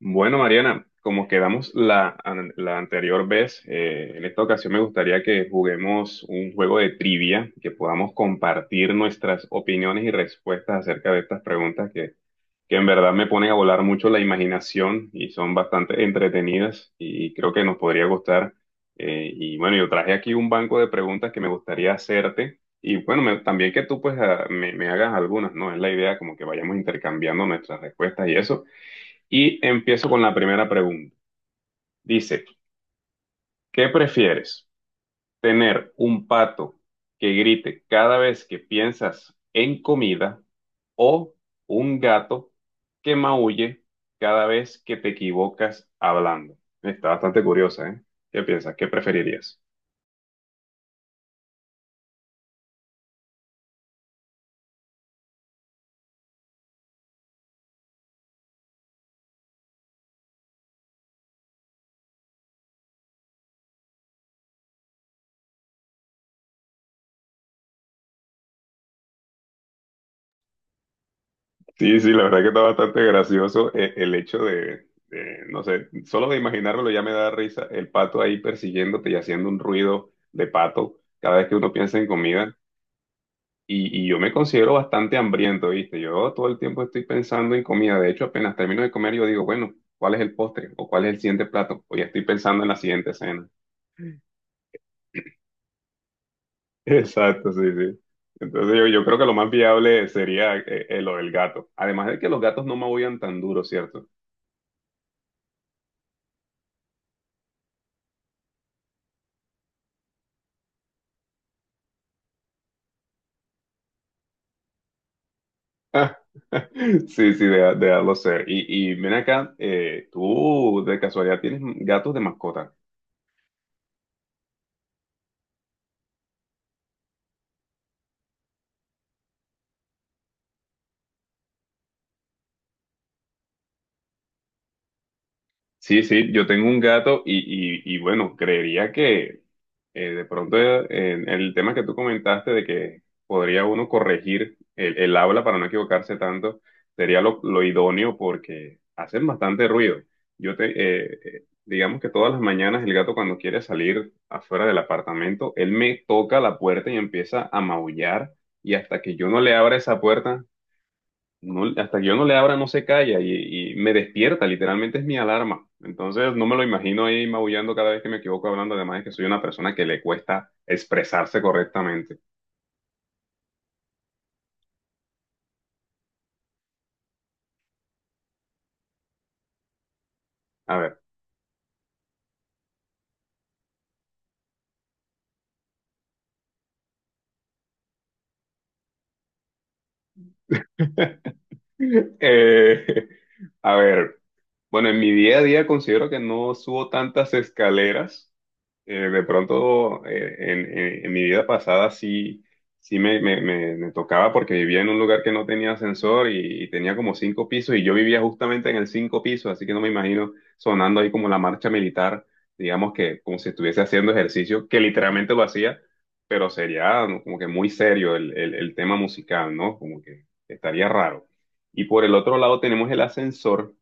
Bueno, Mariana, como quedamos la anterior vez, en esta ocasión me gustaría que juguemos un juego de trivia, que podamos compartir nuestras opiniones y respuestas acerca de estas preguntas que en verdad me ponen a volar mucho la imaginación y son bastante entretenidas y creo que nos podría gustar. Y bueno, yo traje aquí un banco de preguntas que me gustaría hacerte y bueno, también que tú pues me hagas algunas, ¿no? Es la idea como que vayamos intercambiando nuestras respuestas y eso. Y empiezo con la primera pregunta. Dice, ¿qué prefieres? ¿Tener un pato que grite cada vez que piensas en comida o un gato que maulle cada vez que te equivocas hablando? Está bastante curiosa, ¿eh? ¿Qué piensas? ¿Qué preferirías? Sí, sí, la verdad que está bastante gracioso el hecho de, no sé, solo de imaginármelo ya me da risa el pato ahí persiguiéndote y haciendo un ruido de pato cada vez que uno piensa en comida. Y yo me considero bastante hambriento, ¿viste? Yo todo el tiempo estoy pensando en comida. De hecho, apenas termino de comer, yo digo, bueno, ¿cuál es el postre? ¿O cuál es el siguiente plato? O ya estoy pensando en la siguiente cena. Exacto, sí, sí. Entonces yo creo que lo más viable sería lo del gato. Además de que los gatos no maullan tan duro, ¿cierto? Sí, sí, de darlo ser. Y ven acá, ¿tú de casualidad tienes gatos de mascota? Sí, sí, yo tengo un gato y bueno, creería que de pronto en el tema que tú comentaste de que podría uno corregir el habla para no equivocarse tanto, sería lo idóneo porque hacen bastante ruido. Digamos que todas las mañanas el gato cuando quiere salir afuera del apartamento, él me toca la puerta y empieza a maullar y hasta que yo no le abra esa puerta, hasta que yo no le abra no se calla y me despierta, literalmente es mi alarma. Entonces no me lo imagino ahí maullando cada vez que me equivoco hablando, además es que soy una persona que le cuesta expresarse correctamente. A ver, eh, a ver. Bueno, en mi día a día considero que no subo tantas escaleras. De pronto, en mi vida pasada sí, me tocaba porque vivía en un lugar que no tenía ascensor y tenía como cinco pisos y yo vivía justamente en el cinco piso, así que no me imagino sonando ahí como la marcha militar, digamos que como si estuviese haciendo ejercicio, que literalmente lo hacía, pero sería ¿no? como que muy serio el el tema musical, ¿no? Como que estaría raro. Y por el otro lado tenemos el ascensor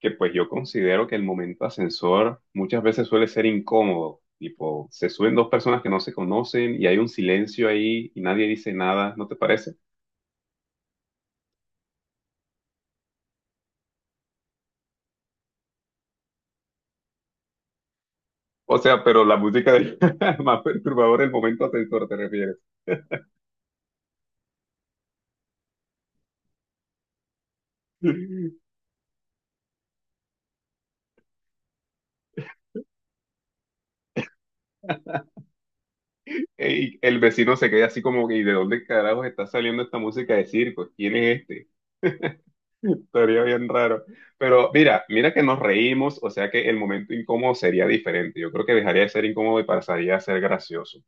que pues yo considero que el momento ascensor muchas veces suele ser incómodo, tipo, se suben dos personas que no se conocen y hay un silencio ahí y nadie dice nada, ¿no te parece? O sea, pero más perturbadora del momento ascensor, ¿te refieres? Y el vecino se queda así como que, ¿y de dónde carajos está saliendo esta música de circo? ¿Quién es este? Estaría bien raro. Pero mira, mira que nos reímos, o sea que el momento incómodo sería diferente. Yo creo que dejaría de ser incómodo y pasaría a ser gracioso.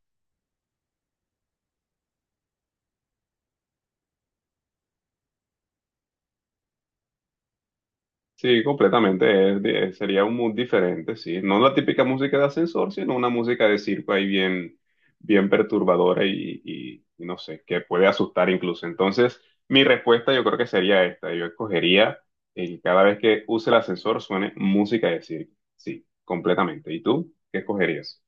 Sí, completamente. Sería un mood diferente, sí. No la típica música de ascensor, sino una música de circo ahí bien, bien perturbadora y no sé, que puede asustar incluso. Entonces, mi respuesta yo creo que sería esta. Yo escogería que cada vez que use el ascensor suene música de circo. Sí, completamente. ¿Y tú qué escogerías?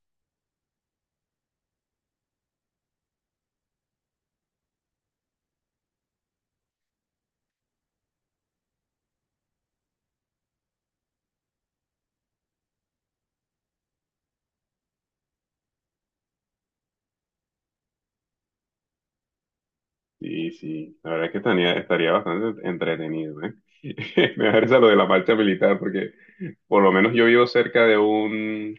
Sí, sí, la verdad es que estaría, estaría bastante entretenido, ¿eh? Me da risa lo de la marcha militar porque por lo menos yo vivo cerca de un,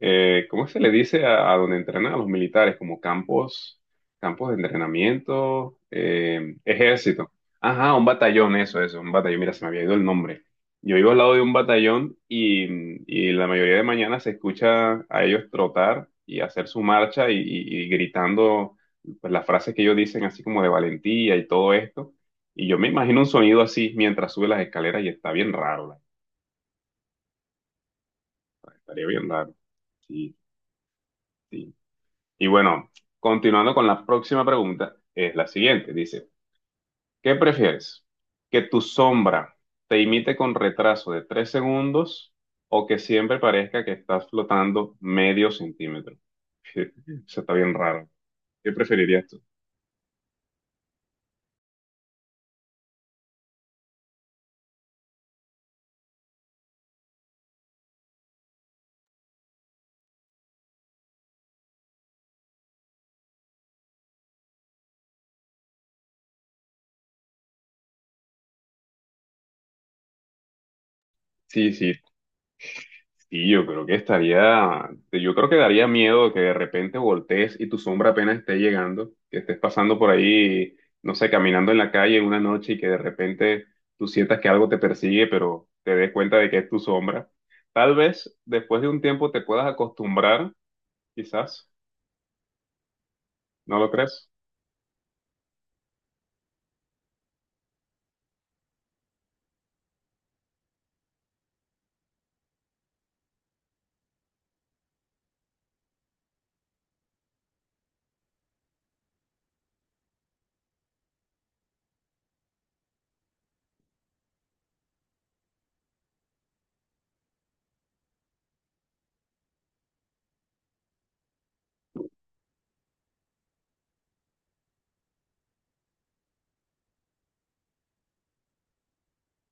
eh, ¿cómo se le dice a donde entrenan a los militares? Como campos, campos de entrenamiento, ejército. Ajá, un batallón, eso, un batallón. Mira, se me había ido el nombre. Yo vivo al lado de un batallón y la mayoría de mañana se escucha a ellos trotar y hacer su marcha y gritando pues, las frases que ellos dicen, así como de valentía y todo esto. Y yo me imagino un sonido así mientras sube las escaleras y está bien raro. Estaría bien raro. Sí, sí. Y bueno, continuando con la próxima pregunta, es la siguiente. Dice, ¿qué prefieres? ¿Que tu sombra te imite con retraso de tres segundos o que siempre parezca que estás flotando medio centímetro? Eso está bien raro. ¿Qué preferirías tú? Sí, sí, sí, yo creo que estaría, yo creo que daría miedo que de repente voltees y tu sombra apenas esté llegando, que estés pasando por ahí, no sé, caminando en la calle una noche y que de repente tú sientas que algo te persigue, pero te des cuenta de que es tu sombra. Tal vez después de un tiempo te puedas acostumbrar, quizás, ¿no lo crees?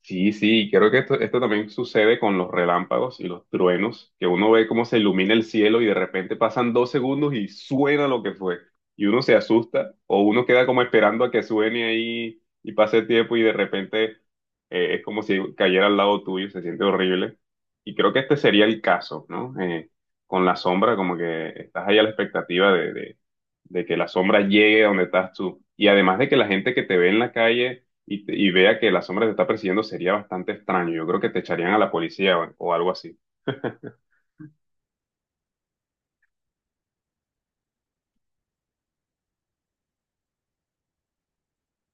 Sí, sí, creo que esto también sucede con los relámpagos y los truenos, que uno ve cómo se ilumina el cielo y de repente pasan dos segundos y suena lo que fue. Y uno se asusta o uno queda como esperando a que suene ahí y pase el tiempo y de repente es como si cayera al lado tuyo, se siente horrible. Y creo que este sería el caso, ¿no? Con la sombra, como que estás ahí a la expectativa de de que la sombra llegue a donde estás tú. Y además de que la gente que te ve en la calle y vea que la sombra te está persiguiendo sería bastante extraño. Yo creo que te echarían a la policía o algo así.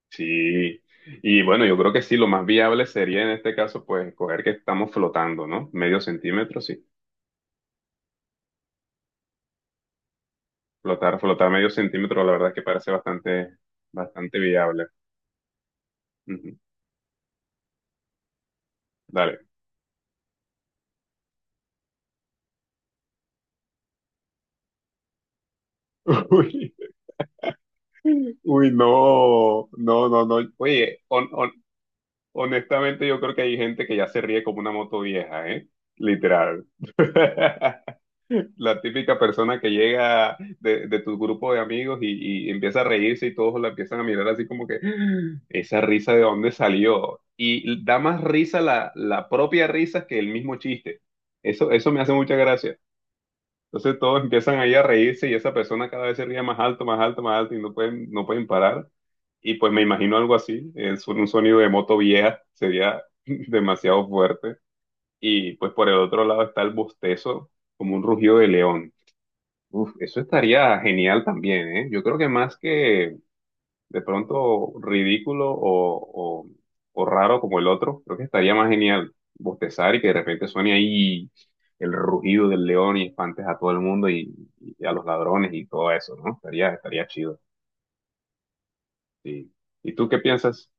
Sí. Y bueno, yo creo que sí, lo más viable sería en este caso, pues, escoger que estamos flotando, ¿no? Medio centímetro, sí. Flotar, flotar medio centímetro, la verdad es que parece bastante, bastante viable. Ujú. Dale. Uy, uy, no, no, no, no. Oye, honestamente yo creo que hay gente que ya se ríe como una moto vieja, ¿eh? Literal. La típica persona que llega de tu grupo de amigos y empieza a reírse y todos la empiezan a mirar así como que "Ah, esa risa de dónde salió. Y da más risa la propia risa que el mismo chiste. Eso me hace mucha gracia. Entonces todos empiezan ahí a reírse y esa persona cada vez se ríe más alto, más alto, más alto y no pueden, no pueden parar. Y pues me imagino algo así, un sonido de moto vieja sería demasiado fuerte. Y pues por el otro lado está el bostezo, como un rugido de león. Uf, eso estaría genial también, ¿eh? Yo creo que más que de pronto ridículo o raro como el otro, creo que estaría más genial bostezar y que de repente suene ahí el rugido del león y espantes a todo el mundo y a los ladrones y todo eso, ¿no? Estaría, estaría chido. Sí. ¿Y tú qué piensas?